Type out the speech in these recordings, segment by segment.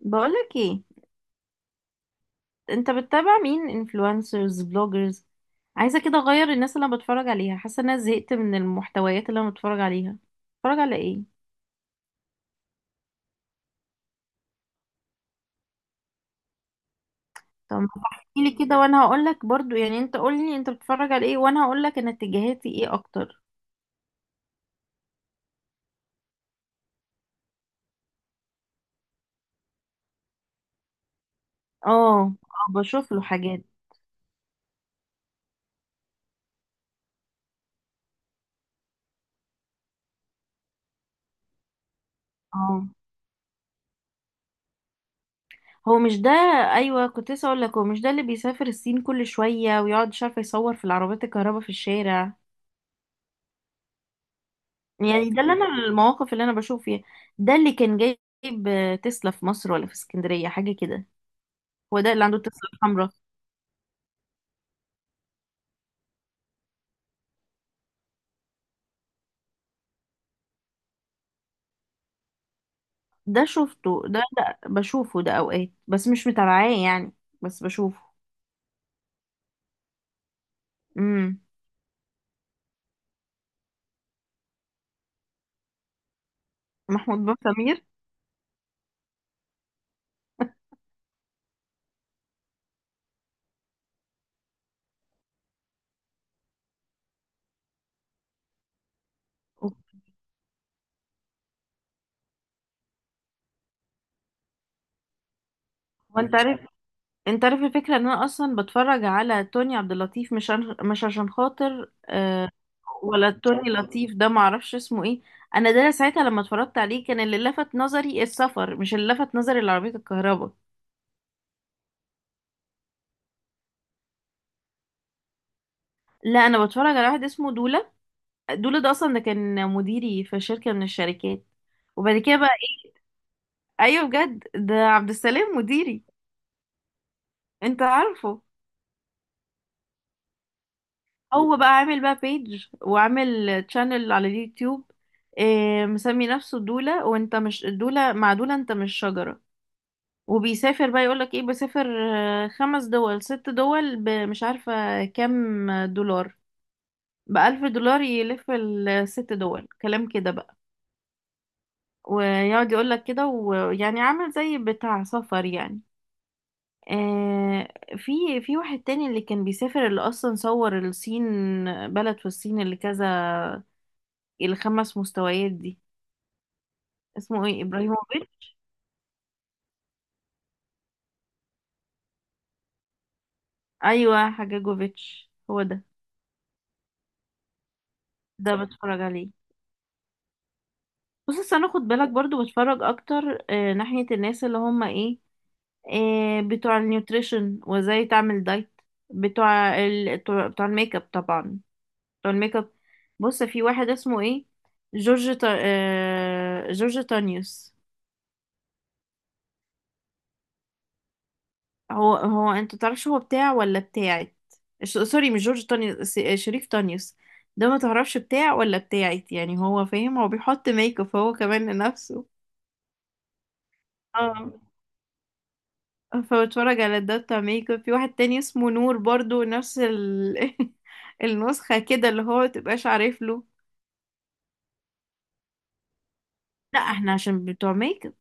بقولك ايه؟ انت بتتابع مين؟ انفلونسرز، بلوجرز؟ عايزه كده اغير الناس اللي انا بتفرج عليها، حاسه ان انا زهقت من المحتويات اللي انا بتفرج عليها. بتفرج على ايه؟ طب احكي لي كده وانا هقولك برضو، يعني انت قولي انت بتتفرج على ايه وانا هقولك انا اتجاهاتي ايه اكتر. اه. اه بشوف له حاجات. اه. هو مش ده؟ ايوه كنت لسه اقول لك، هو مش ده اللي بيسافر الصين كل شويه ويقعد مش عارفه يصور في العربيات الكهرباء في الشارع؟ يعني ده اللي انا المواقف اللي انا بشوف فيها. ده اللي كان جايب تسلا في مصر ولا في اسكندرية، حاجة كده. هو ده اللي عنده تسلا الحمراء. ده شفته ده، ده بشوفه ده اوقات بس مش متابعاه يعني. بس بشوفه. امم محمود بن سمير. وانت عارف، انت عارف الفكرة ان انا اصلا بتفرج على توني عبد اللطيف مش عشان خاطر ولا توني لطيف، ده معرفش اسمه ايه. انا ده ساعتها لما اتفرجت عليه كان اللي لفت نظري السفر، مش اللي لفت نظري العربية الكهرباء. لا انا بتفرج على واحد اسمه دولا. دولا ده اصلا ده كان مديري في شركة من الشركات. وبعد كده بقى إيه، ايوه بجد، ده عبد السلام مديري. انت عارفه؟ هو بقى عامل بقى بيج وعامل تشانل على اليوتيوب. إيه، مسمي نفسه دولا، وانت مش دولا، مع دولا، انت مش شجرة. وبيسافر بقى، يقولك ايه، بسافر خمس دول، ست دول، بمش عارفة كام دولار، بألف دولار يلف الست دول، كلام كده بقى. ويقعد يقول لك كده، ويعني عامل زي بتاع سفر يعني. آه. في في واحد تاني اللي كان بيسافر، اللي اصلا صور الصين، بلد في الصين اللي كذا، الخمس مستويات دي، اسمه ايه، ابراهيموفيتش. ايوه حجاجوفيتش، هو ده. ده بتفرج عليه. بص أصل انا خد بالك برضو بتفرج اكتر ناحية الناس اللي هم ايه، آه بتوع النيوتريشن وازاي تعمل دايت. بتوع الميك اب طبعا. الميك اب. بص في واحد اسمه ايه، جورج تانيوس. هو هو انت تعرفش هو بتاع ولا بتاعت؟ سوري مش جورج تانيوس، شريف تانيوس. ده ما تعرفش بتاع ولا بتاعت يعني، هو فاهم، هو بيحط ميك اب هو كمان لنفسه. اه. فبتفرج على ده بتاع ميك اب. في واحد تاني اسمه نور برضو النسخة كده اللي هو متبقاش عارف له. لا احنا عشان بتوع ميك اب.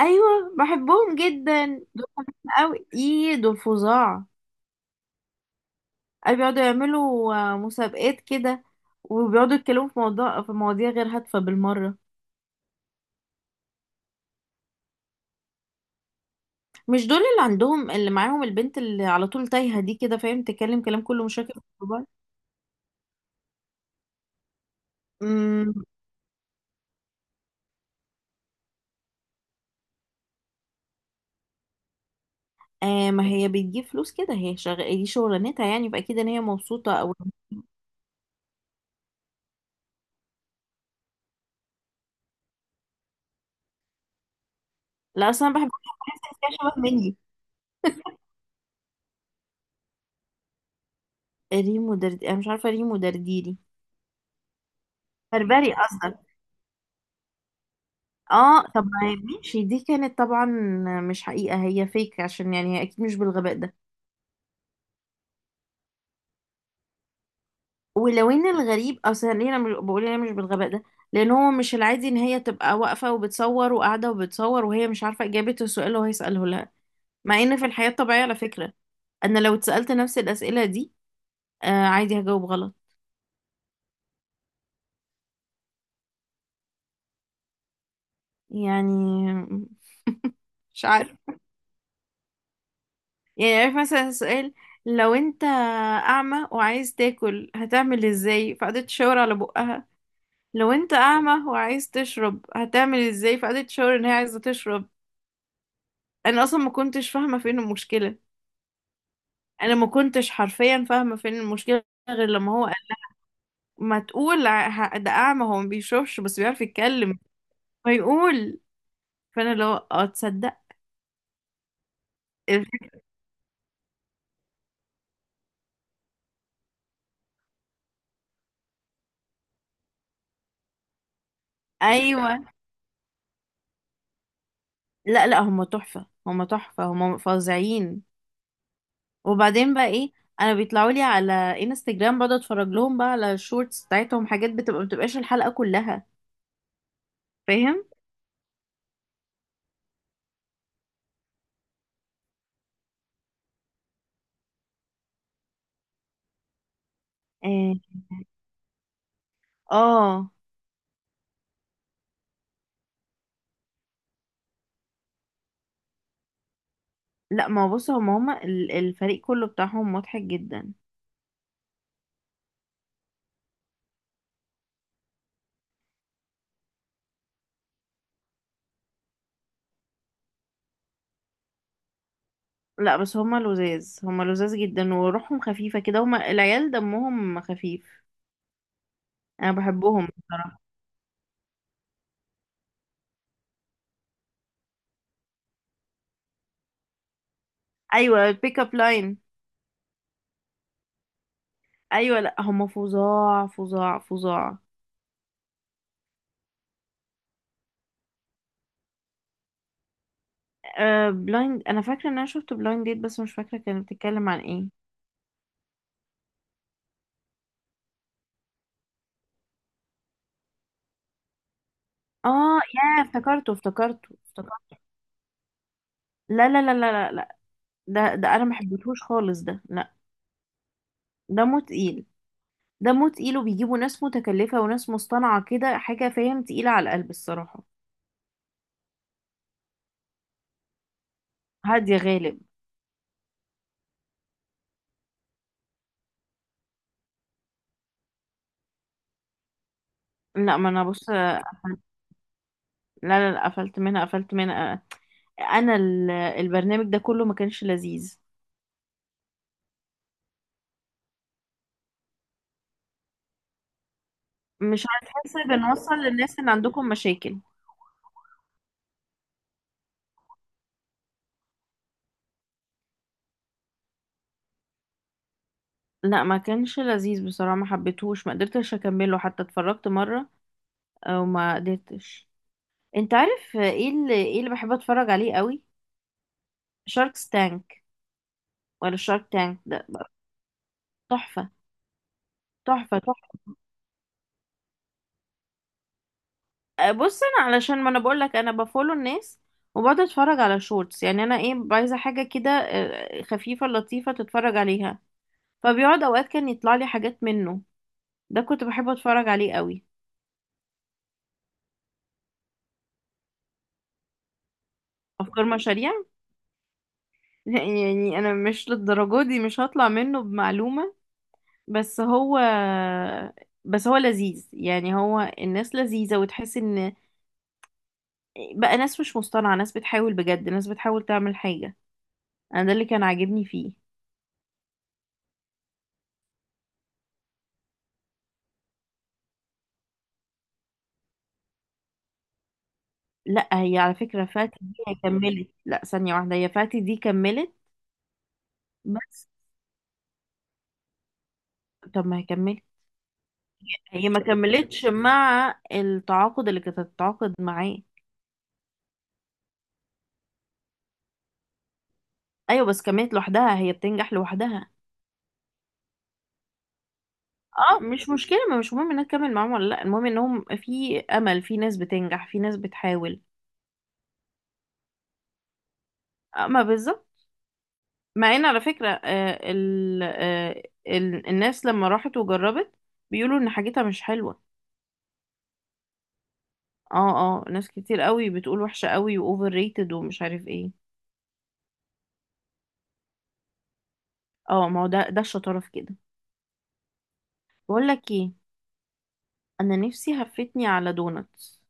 ايوه بحبهم جدا. أو إيه، دول فظاع. أي بيقعدوا يعملوا مسابقات كده، وبيقعدوا يتكلموا في موضوع في مواضيع غير هادفة بالمرة. مش دول اللي عندهم، اللي معاهم البنت اللي على طول تايهة دي، كده فاهم؟ تتكلم كلام كله مش راكب في بعض. امم ما هي بتجيب فلوس كده، هي دي شغلانتها يعني، فأكيد إن هي مبسوطة أو. لا أصلا بحب حاجات كده شبه مني. ريمو درد، أنا مش عارفة ريمو درديري. بربري أصلا. اه طب ما هي ماشي، دي كانت طبعا مش حقيقة، هي فيك عشان يعني هي أكيد مش بالغباء ده. ولو ان الغريب اصلا ليه، انا بقول انا مش بالغباء ده، لان هو مش العادي ان هي تبقى واقفه وبتصور وقاعده وبتصور وهي مش عارفه اجابه السؤال اللي هو هيساله لها. مع ان في الحياه الطبيعيه على فكره، انا لو اتسالت نفس الاسئله دي، آه عادي هجاوب غلط. يعني مش عارف. يعني عارف مثلا سؤال، لو انت اعمى وعايز تاكل هتعمل ازاي، فقعدت تشاور على بقها. لو انت اعمى وعايز تشرب هتعمل ازاي، فقعدت تشاور ان هي عايزه تشرب. انا اصلا ما كنتش فاهمه فين المشكله. انا ما كنتش حرفيا فاهمه فين المشكله، غير لما هو قال ما تقول ده اعمى، هو ما بيشوفش بس بيعرف يتكلم، فيقول. فانا لو تصدق. ايوه. لا لا، هم تحفه، هم تحفه، هم فظيعين. وبعدين بقى ايه، انا بيطلعوا لي على انستجرام، بقعد اتفرج لهم بقى على الشورتس بتاعتهم، حاجات بتبقى ما بتبقاش الحلقه كلها. فاهم. اه. آه. لا ما هو بص، هم الفريق كله بتاعهم مضحك جدا. لا بس هما لذاذ، هما لذاذ جدا، وروحهم خفيفة كده، هما العيال دمهم خفيف. انا بحبهم بصراحة. ايوه البيك اب لاين. ايوه لا هما فظاع فظاع فظاع. أه بلايند، انا فاكرة ان انا شفت بلايند ديت بس مش فاكرة كانت بتتكلم عن ايه. اه يا، افتكرته افتكرته افتكرته. لا لا لا لا لا لا، ده ده انا ما حبيتهوش خالص ده، لا. دمه تقيل. دمه تقيل، وبيجيبوا ناس متكلفة وناس مصطنعة كده، حاجة فاهم تقيلة على القلب الصراحة. هادية غالب. لا ما انا بص. لا لا لا، قفلت منها، قفلت منها. انا البرنامج ده كله ما كانش لذيذ. مش هتحسي، بنوصل للناس ان عندكم مشاكل. لا ما كانش لذيذ بصراحة، ما حبيتهوش، ما قدرتش اكمله، حتى اتفرجت مرة وما قدرتش. انت عارف ايه اللي، ايه اللي بحب اتفرج عليه قوي؟ شارك تانك. ولا شارك تانك ده بقى، تحفة تحفة تحفة. بص انا علشان، ما انا بقول لك، انا بفولو الناس وبقعد اتفرج على شورتس. يعني انا ايه، عايزة حاجة كده خفيفة لطيفة تتفرج عليها. فبيقعد اوقات كان يطلع لي حاجات منه، ده كنت بحب اتفرج عليه قوي. افكار مشاريع. يعني انا مش للدرجه دي، مش هطلع منه بمعلومة. بس هو بس هو لذيذ، يعني هو الناس لذيذة، وتحس ان بقى ناس مش مصطنعة، ناس بتحاول بجد، ناس بتحاول تعمل حاجة. انا ده اللي كان عاجبني فيه. لا هي على فكرة فاتي دي هي كملت، لا ثانية واحدة، هي فاتي دي كملت. بس. طب ما هي كملت. هي ما كملتش مع التعاقد اللي كانت هتتعاقد معاه. ايوه بس كملت لوحدها، هي بتنجح لوحدها. اه مش مشكله، ما مش مهم انها تكمل معاهم ولا لا، المهم انهم في امل، في ناس بتنجح، في ناس بتحاول. آه، ما بالظبط. مع ان على فكره آه ال آه ال الناس لما راحت وجربت بيقولوا ان حاجتها مش حلوه. اه. اه ناس كتير قوي بتقول وحشه قوي واوفر ريتد ومش عارف ايه. اه ما هو ده الشطاره في كده. بقول لك ايه، انا نفسي هفتني على دونتس.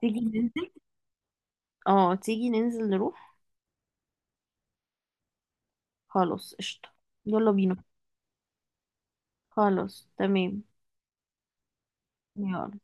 تيجي ننزل؟ اه تيجي ننزل نروح. خلاص قشطه. يلا بينا. خلاص تمام. يلا.